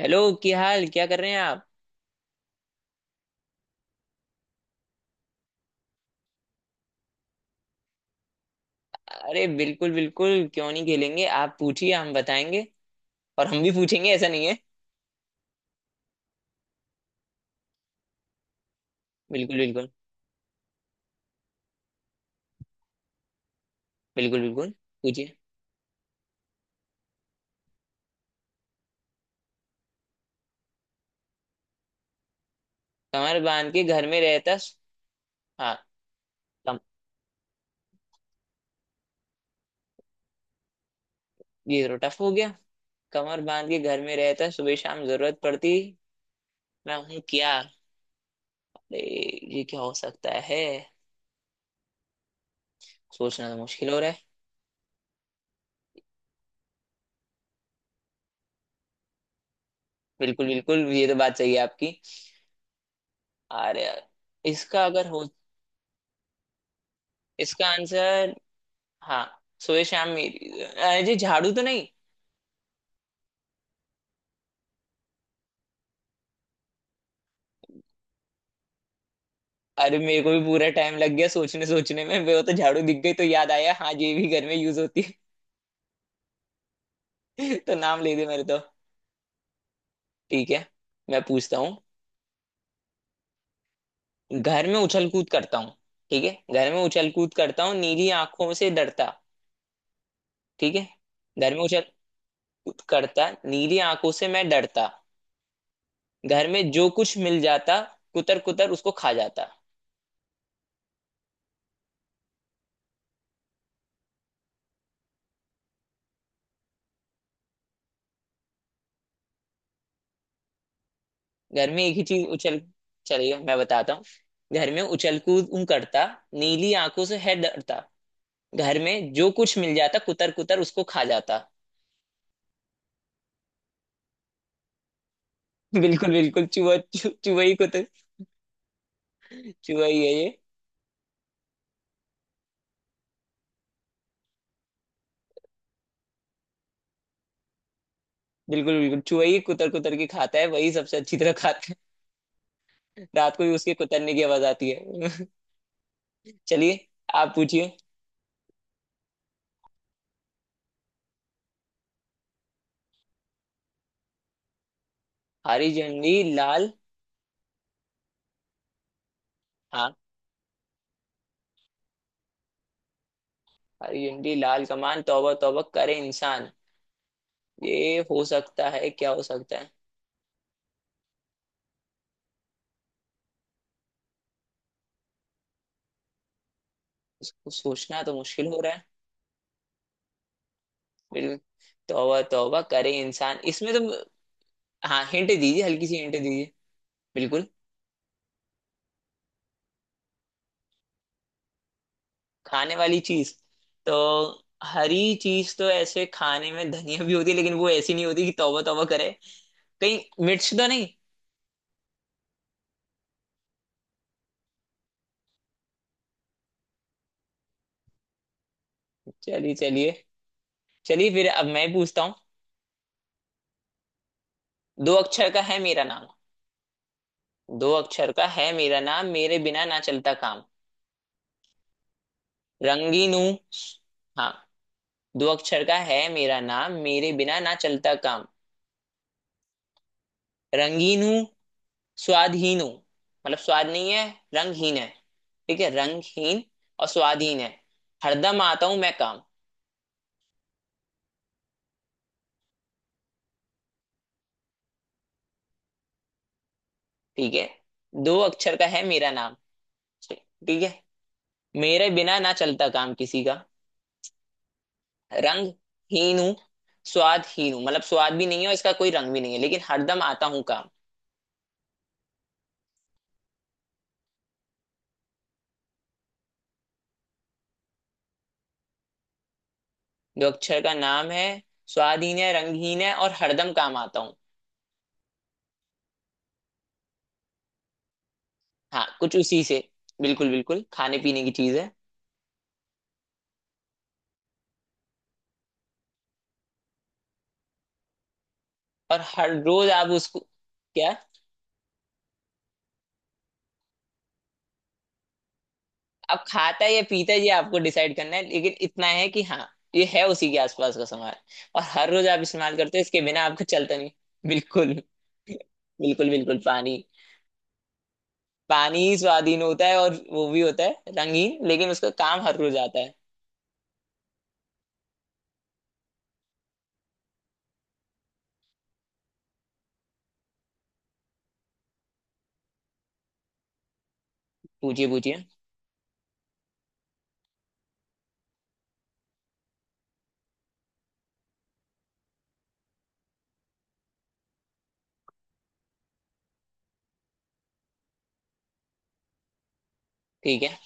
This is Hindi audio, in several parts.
हेलो। क्या हाल, क्या कर रहे हैं आप? अरे बिल्कुल बिल्कुल, क्यों नहीं खेलेंगे। आप पूछिए, हम बताएंगे। और हम भी पूछेंगे, ऐसा नहीं है। बिल्कुल बिल्कुल। बिल्कुल बिल्कुल। पूछिए। कमर बांध के घर में रहता। हाँ। कम, ये तो टफ हो गया। कमर बांध के घर में रहता सुबह शाम जरूरत पड़ती, मैं हूँ क्या? अरे, ये क्या हो सकता है? सोचना तो मुश्किल हो रहा है। बिल्कुल बिल्कुल, ये तो बात सही है आपकी। अरे यार, इसका अगर हो, इसका आंसर। हाँ, सुबह शाम मेरी, अरे जी झाड़ू तो नहीं? अरे मेरे को भी पूरा टाइम लग गया सोचने सोचने में, वो तो झाड़ू दिख गई तो याद आया हाँ ये भी घर में यूज होती है। तो नाम ले दे मेरे तो। ठीक है, मैं पूछता हूँ। घर में उछल कूद करता हूँ। ठीक है, घर में उछल कूद करता हूँ नीली आंखों से डरता। ठीक है। घर में उछल कूद करता, नीली आंखों से मैं डरता। घर में जो कुछ मिल जाता, कुतर कुतर उसको खा जाता। घर में एक ही चीज उछल। चलिए मैं बताता हूँ। घर में उछल कूद करता, नीली आंखों से है डरता। घर में जो कुछ मिल जाता, कुतर कुतर उसको खा जाता। बिल्कुल बिल्कुल। चूहा ही कुतर। चूहा ही है ये। बिल्कुल बिल्कुल, चूहा ही कुतर कुतर के खाता है, वही सबसे अच्छी तरह खाता है। रात को भी उसके कुतरने की आवाज आती है। चलिए, आप पूछिए। हरी झंडी लाल। हाँ, हरी झंडी लाल कमान तौबा तौबा करे इंसान। ये हो सकता है, क्या हो सकता है? इसको सोचना तो मुश्किल हो रहा है। बिल्कुल। तौबा तौबा करे इंसान, इसमें तो। हाँ, हिंट दीजिए, हल्की सी हिंट दीजिए। बिल्कुल। खाने वाली चीज तो। हरी चीज तो ऐसे खाने में धनिया भी होती है, लेकिन वो ऐसी नहीं होती कि तौबा तौबा करे। कहीं मिर्च तो नहीं? चलिए चलिए। चलिए फिर, अब मैं पूछता हूँ। दो अक्षर का है मेरा नाम। दो अक्षर का है मेरा नाम, मेरे बिना ना चलता काम। रंगीन हूँ। हाँ, दो अक्षर का है मेरा नाम, मेरे बिना ना चलता काम। रंगीन हूँ, स्वादहीन हूँ। मतलब स्वाद नहीं है, रंगहीन है। ठीक है, रंगहीन और स्वादहीन है। हरदम आता हूँ मैं काम। ठीक है। दो अक्षर का है मेरा नाम। ठीक है। मेरे बिना ना चलता काम किसी का। रंग हीन हूँ, स्वाद हीन हूँ, मतलब स्वाद भी नहीं है और इसका कोई रंग भी नहीं है, लेकिन हरदम आता हूँ काम। दो अक्षर का नाम है, स्वादहीन है, रंगहीन है और हरदम काम आता हूँ। हाँ, कुछ उसी से। बिल्कुल बिल्कुल, खाने पीने की चीज है। और हर रोज आप उसको, क्या। अब खाता है या पीता है ये आपको डिसाइड करना है, लेकिन इतना है कि हाँ, ये है उसी के आसपास का सामान। और हर रोज आप इस्तेमाल करते हो, इसके बिना आपको चलता नहीं। बिल्कुल। बिल्कुल बिल्कुल पानी। पानी ही स्वाधीन होता है और वो भी होता है रंगीन, लेकिन उसका काम हर रोज आता है। पूछिए पूछिए। ठीक है।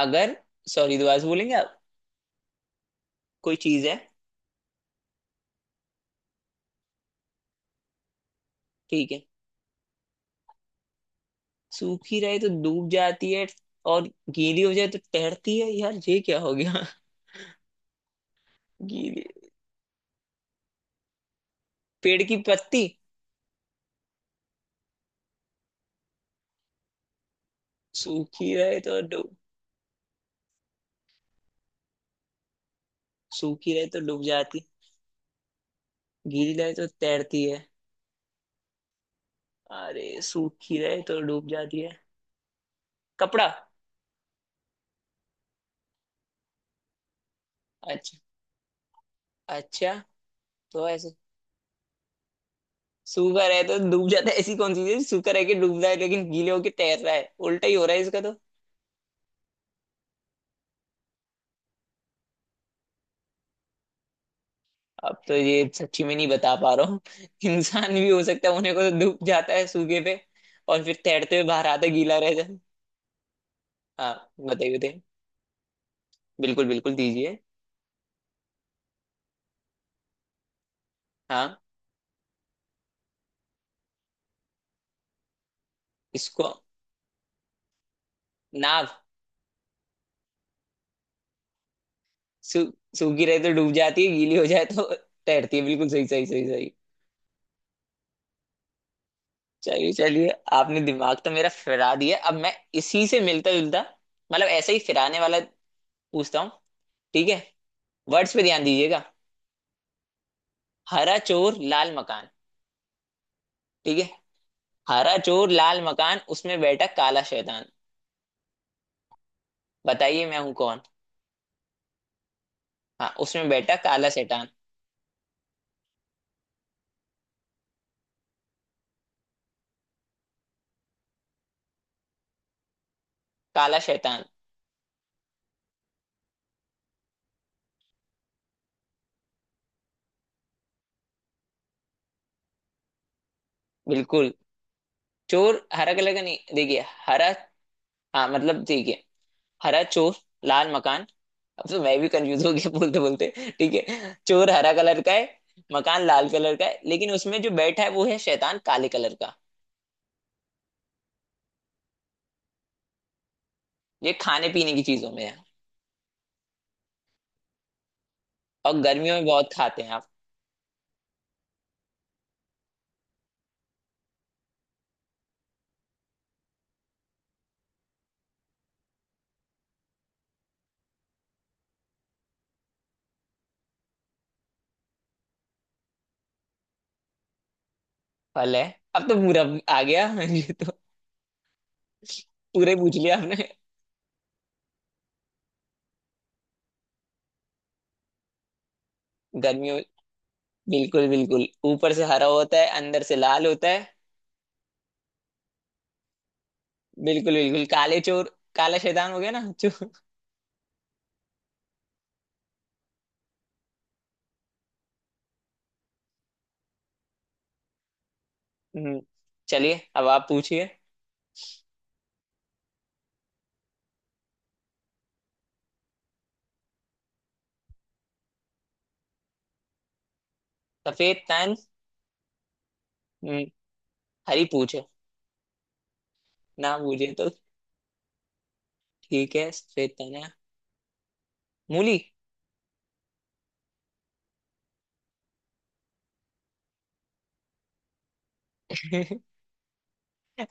अगर, सॉरी दोबारा से बोलेंगे आप? कोई चीज है। ठीक है, सूखी रहे तो डूब जाती है और गीली हो जाए तो तैरती है, यार ये क्या हो गया। गीली, पेड़ की पत्ती। सूखी रहे तो डूब। सूखी रहे तो डूब जाती, गीली रहे तो तैरती है। अरे, सूखी रहे तो डूब जाती है। कपड़ा। अच्छा अच्छा, तो ऐसे। सूखा रहे तो डूब जाता है, ऐसी कौन सी चीज सूखा रह के डूब रहा है लेकिन गीले होके तैर रहा है, उल्टा ही हो रहा है इसका तो। अब तो ये सच्ची में नहीं बता पा रहा हूँ। इंसान भी हो सकता है, होने को तो डूब जाता है सूखे पे और फिर तैरते हुए बाहर आता है, गीला रह जाता है। हाँ, बताइए बताइए। बिल्कुल बिल्कुल दीजिए। हाँ, इसको नाव। सू, सूखी रहे तो डूब जाती है, गीली हो जाए तो तैरती है, बिल्कुल सही सही सही सही। चलिए चलिए, आपने दिमाग तो मेरा फिरा दिया। अब मैं इसी से मिलता जुलता, मतलब ऐसे ही फिराने वाला पूछता हूँ। ठीक है, वर्ड्स पे ध्यान दीजिएगा। हरा चोर लाल मकान। ठीक है। हरा चोर लाल मकान, उसमें बैठा काला शैतान, बताइए मैं हूं कौन। हाँ, उसमें बैठा काला शैतान। काला शैतान। बिल्कुल। चोर हरा कलर का, नहीं देखिए। हरा। हाँ मतलब देखिए, हरा चोर, लाल मकान। अब तो मैं भी कंफ्यूज हो गया बोलते बोलते। ठीक है, चोर हरा कलर का है, मकान लाल कलर का है, लेकिन उसमें जो बैठा है वो है शैतान काले कलर का। ये खाने पीने की चीजों में है, और गर्मियों में बहुत खाते हैं आप। फल है। अब तो पूरा आ गया। ये तो पूरे पूछ लिया आपने। गर्मियों। बिल्कुल बिल्कुल, ऊपर से हरा होता है, अंदर से लाल होता है। बिल्कुल बिल्कुल, काले चोर, काला शैतान हो गया ना। चोर। हम्म। चलिए अब आप पूछिए। सफेद तन। हम्म। हरी पूछे, ना पूछे तो। ठीक है, सफेद तन है। मूली।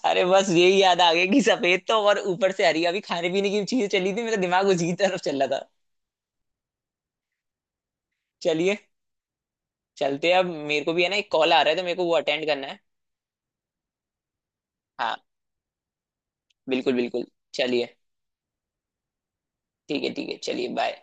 अरे बस यही याद आ गया कि सफेद तो और ऊपर से हरी, अभी खाने पीने की चीजें चली थी, मेरा दिमाग उसी की तरफ चल रहा था। चलिए, चलते हैं, अब मेरे को भी है ना एक कॉल आ रहा है, तो मेरे को वो अटेंड करना है। हाँ बिल्कुल बिल्कुल। चलिए ठीक है। ठीक है चलिए, बाय।